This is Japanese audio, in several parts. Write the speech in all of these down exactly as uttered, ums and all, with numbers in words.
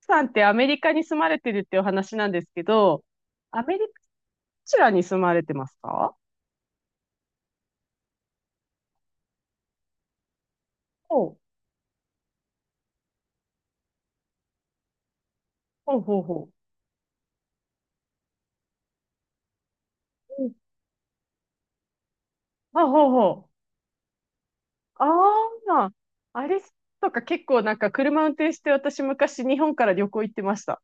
さんってアメリカに住まれてるっていうお話なんですけど、アメリカ、どちらに住まれてますか？ほう、ほうほうほう。うん。あ、ほうほう。あ、あ、あれとか結構なんか車運転して私昔日本から旅行行ってました。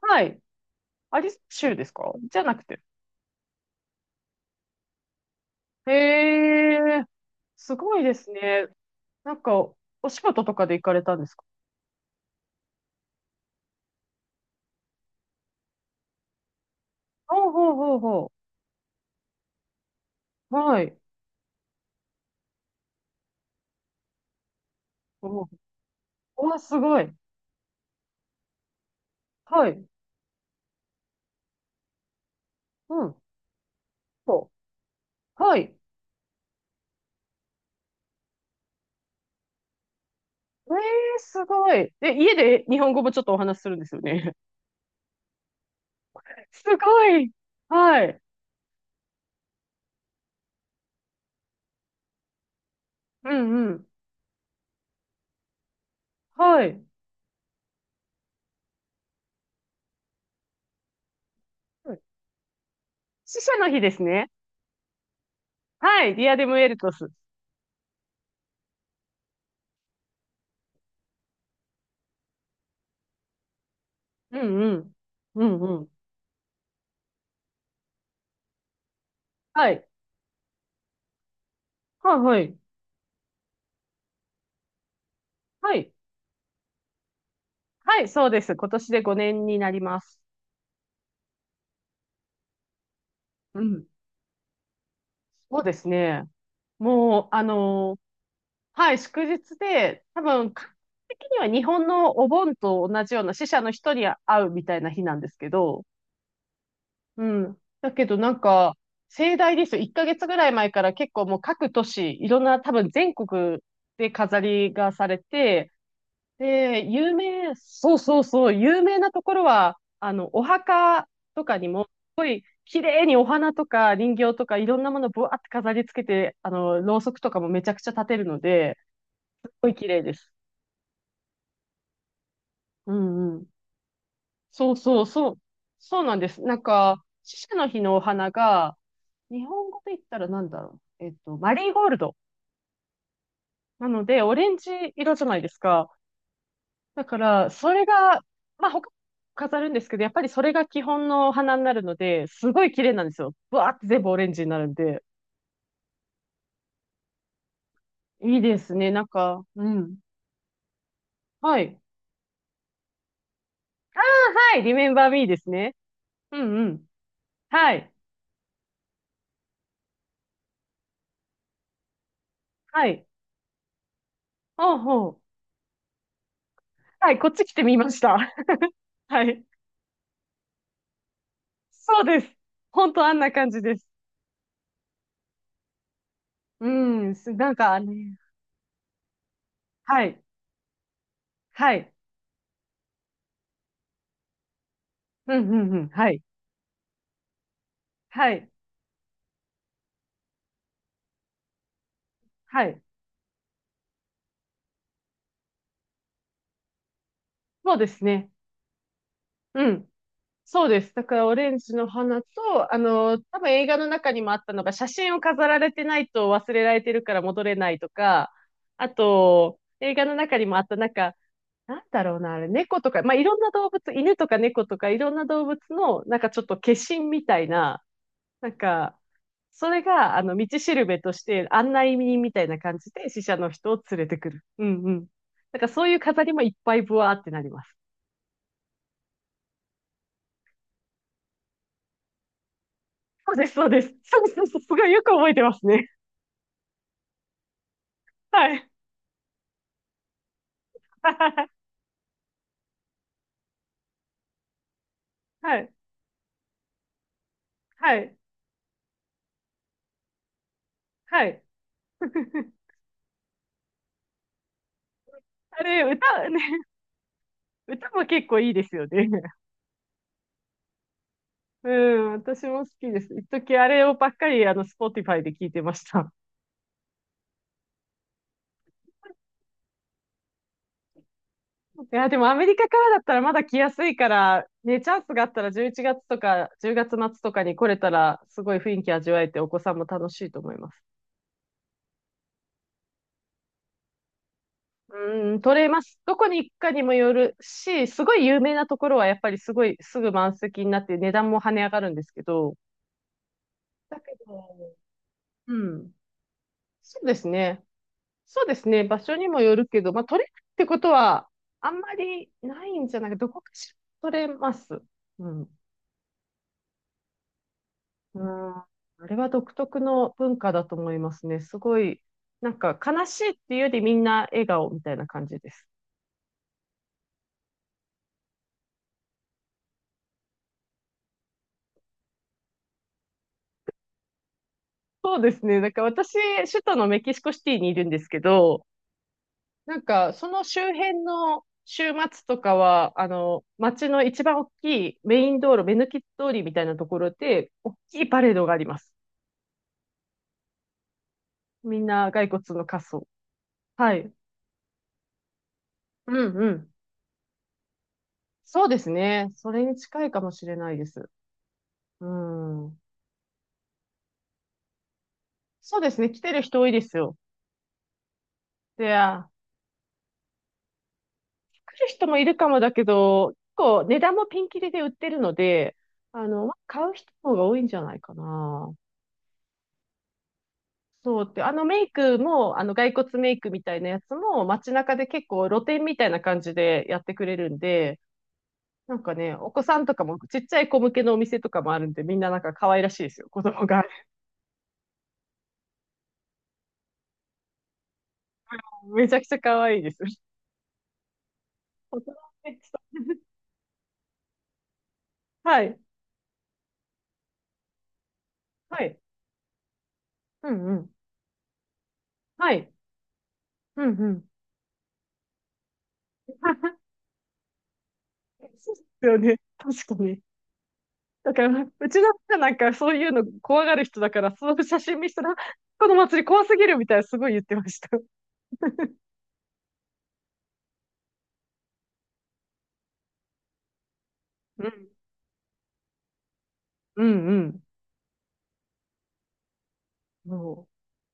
はい。アリゾナ州ですか、じゃなくて。へえ、すごいですね。なんか、お仕事とかで行かれたんですか？ほうほうほうほう。はい。おう、うわ、すごい。はい。うん。そう。はい。えー、すごい。で、家で日本語もちょっとお話しするんですよね。すごい。はい。うんうん。はい。死者の日ですね。はい。ディアデムエルトス。うんうん。うんうん。はい。はいはい。はい。はい、そうです。今年でごねんになります。うん。そうですね。もう、あのーはい、祝日で、多分、感覚的には日本のお盆と同じような死者の人に会うみたいな日なんですけど、うん。だけどなんか、盛大ですよ。いっかげつぐらい前から結構もう各都市、いろんな多分全国で飾りがされて、で、有名、そうそうそう、有名なところは、あの、お墓とかにも、綺麗にお花とか人形とかいろんなものぶわって飾り付けて、あの、ろうそくとかもめちゃくちゃ立てるので、すっごい綺麗です。うんうん。そうそうそう。そうなんです。なんか、死者の日のお花が、日本語で言ったらなんだろう。えっと、マリーゴールド。なので、オレンジ色じゃないですか。だから、それが、まあ、他に飾るんですけど、やっぱりそれが基本の花になるので、すごい綺麗なんですよ。ブワーって全部オレンジになるんで。いいですね。なんか、うん。はい。あ、はい、リメンバーミーですね。うんうん。はい。はい。ほうほう。はい、こっち来てみました。はい。そうです。ほんとあんな感じです。うん、す、なんかね。はい。はい。うんうんうん。はい。はい。はい。そうですね。うん。そうです。だから、オレンジの花と、あの、多分映画の中にもあったのが、写真を飾られてないと忘れられてるから戻れないとか、あと、映画の中にもあった、なんか、なんだろうな、あれ、猫とか、まあ、いろんな動物、犬とか猫とか、いろんな動物の、なんかちょっと化身みたいな、なんか、それが、あの、道しるべとして、案内人みたいな感じで、死者の人を連れてくる。うんうん。なんか、そういう飾りもいっぱいブワーってなります。そうです、そうです。そうそうそう、すごいよく覚えてますね。はい。はい。はい。はい。あれ、歌、ね、歌も結構いいですよね。うん、私も好きです。一時あれをばっかり、あの、Spotify で聞いてました。いや、でもアメリカからだったらまだ来やすいから、ね、チャンスがあったらじゅういちがつとかじゅうがつ末とかに来れたら、すごい雰囲気味わえてお子さんも楽しいと思います。うん、取れます。どこに行くかにもよるし、すごい有名なところはやっぱりすごいすぐ満席になって値段も跳ね上がるんですけど、だけど、うん、そうですね。そうですね。場所にもよるけど、まあ、取れるってことはあんまりないんじゃないか、どこかしら取れます。うん。うん。あれは独特の文化だと思いますね。すごい、なんか悲しいっていうよりみんな笑顔みたいな感じです。そうですね。なんか私、首都のメキシコシティにいるんですけど、なんか、その周辺の週末とかは、あの、街の一番大きいメイン道路、目抜き通りみたいなところで、大きいパレードがあります。みんな骸骨の仮装。はい。うんうん。そうですね。それに近いかもしれないです。うん。そうですね。来てる人多いですよ。で、あ来る人もいるかもだけど、結構値段もピンキリで売ってるので、あの、買う人の方が多いんじゃないかな。そうって、あのメイクも、あの骸骨メイクみたいなやつも街中で結構露店みたいな感じでやってくれるんで、なんかね、お子さんとかもちっちゃい子向けのお店とかもあるんで、みんななんか可愛らしいですよ、子供が。めちゃくちゃ可愛いです。大人めっちゃ。 はい、はい、うんうん、はい、うんうん。そうですよね、確かに。だから、うちの人なんかそういうの怖がる人だから、その写真見せたら、この祭り怖すぎるみたいなすごい言ってました。うん、うん、うん。そ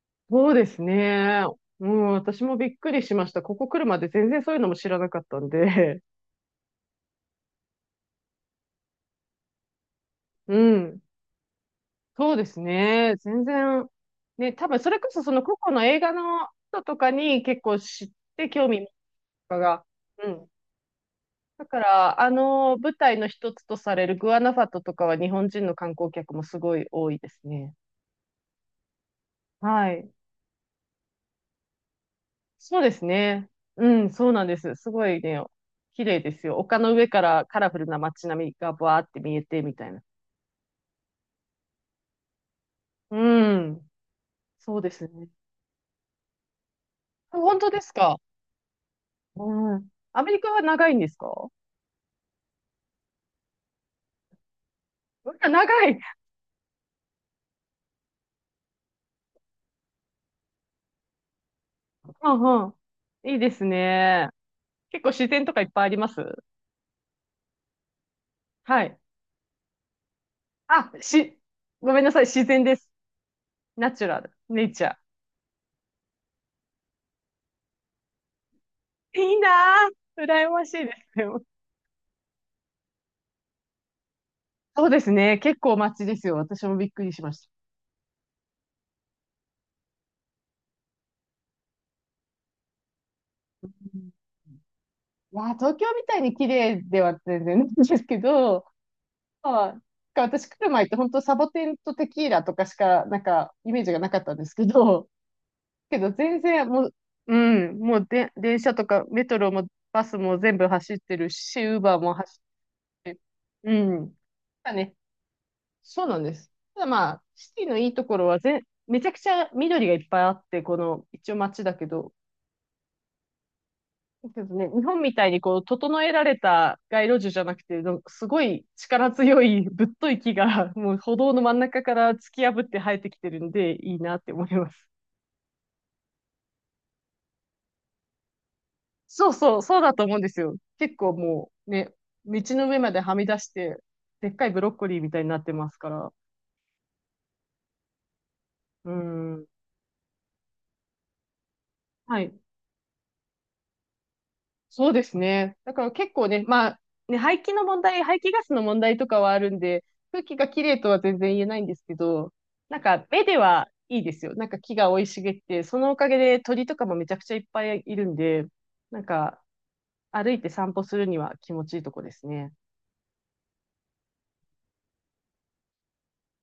う、そうですね。うん、私もびっくりしました。ここ来るまで全然そういうのも知らなかったんで。うん、そうですね。全然、ね、多分それこそその個々の映画の人とかに結構知って興味とかが。うん。だから、あの舞台の一つとされるグアナファトとかは日本人の観光客もすごい多いですね。はい。そうですね。うん、そうなんです。すごいね、綺麗ですよ。丘の上からカラフルな街並みがバーって見えてみたいな。うん、そうですね。本当ですか。うん。アメリカは長いんですか？うわ、長い。うんうん。いいですね。結構自然とかいっぱいあります？はい。あ、し、ごめんなさい。自然です。ナチュラル。ネイチャー。いいなぁ。羨ましいですよ。そうですね。結構街ですよ。私もびっくりしました。いやー、東京みたいに綺麗では全然ないんですけど、まあ、か、私来る前って本当サボテンとテキーラとかしか、なんか、イメージがなかったんですけど、けど全然もう、うん、もうで、電車とかメトロもバスも全部走ってるし、ウーバーも走って、うん。まあね、そうなんです。ただまあ、シティのいいところは全、めちゃくちゃ緑がいっぱいあって、この、一応街だけど、ですね、日本みたいにこう、整えられた街路樹じゃなくて、なんかすごい力強いぶっとい木が、もう歩道の真ん中から突き破って生えてきてるんで、いいなって思います。そうそう、そうだと思うんですよ。結構もうね、道の上まではみ出して、でっかいブロッコリーみたいになってますから。うん。はい。そうですね。だから結構ね、まあ、ね、排気の問題、排気ガスの問題とかはあるんで、空気がきれいとは全然言えないんですけど、なんか目ではいいですよ。なんか木が生い茂って、そのおかげで鳥とかもめちゃくちゃいっぱいいるんで、なんか歩いて散歩するには気持ちいいとこですね。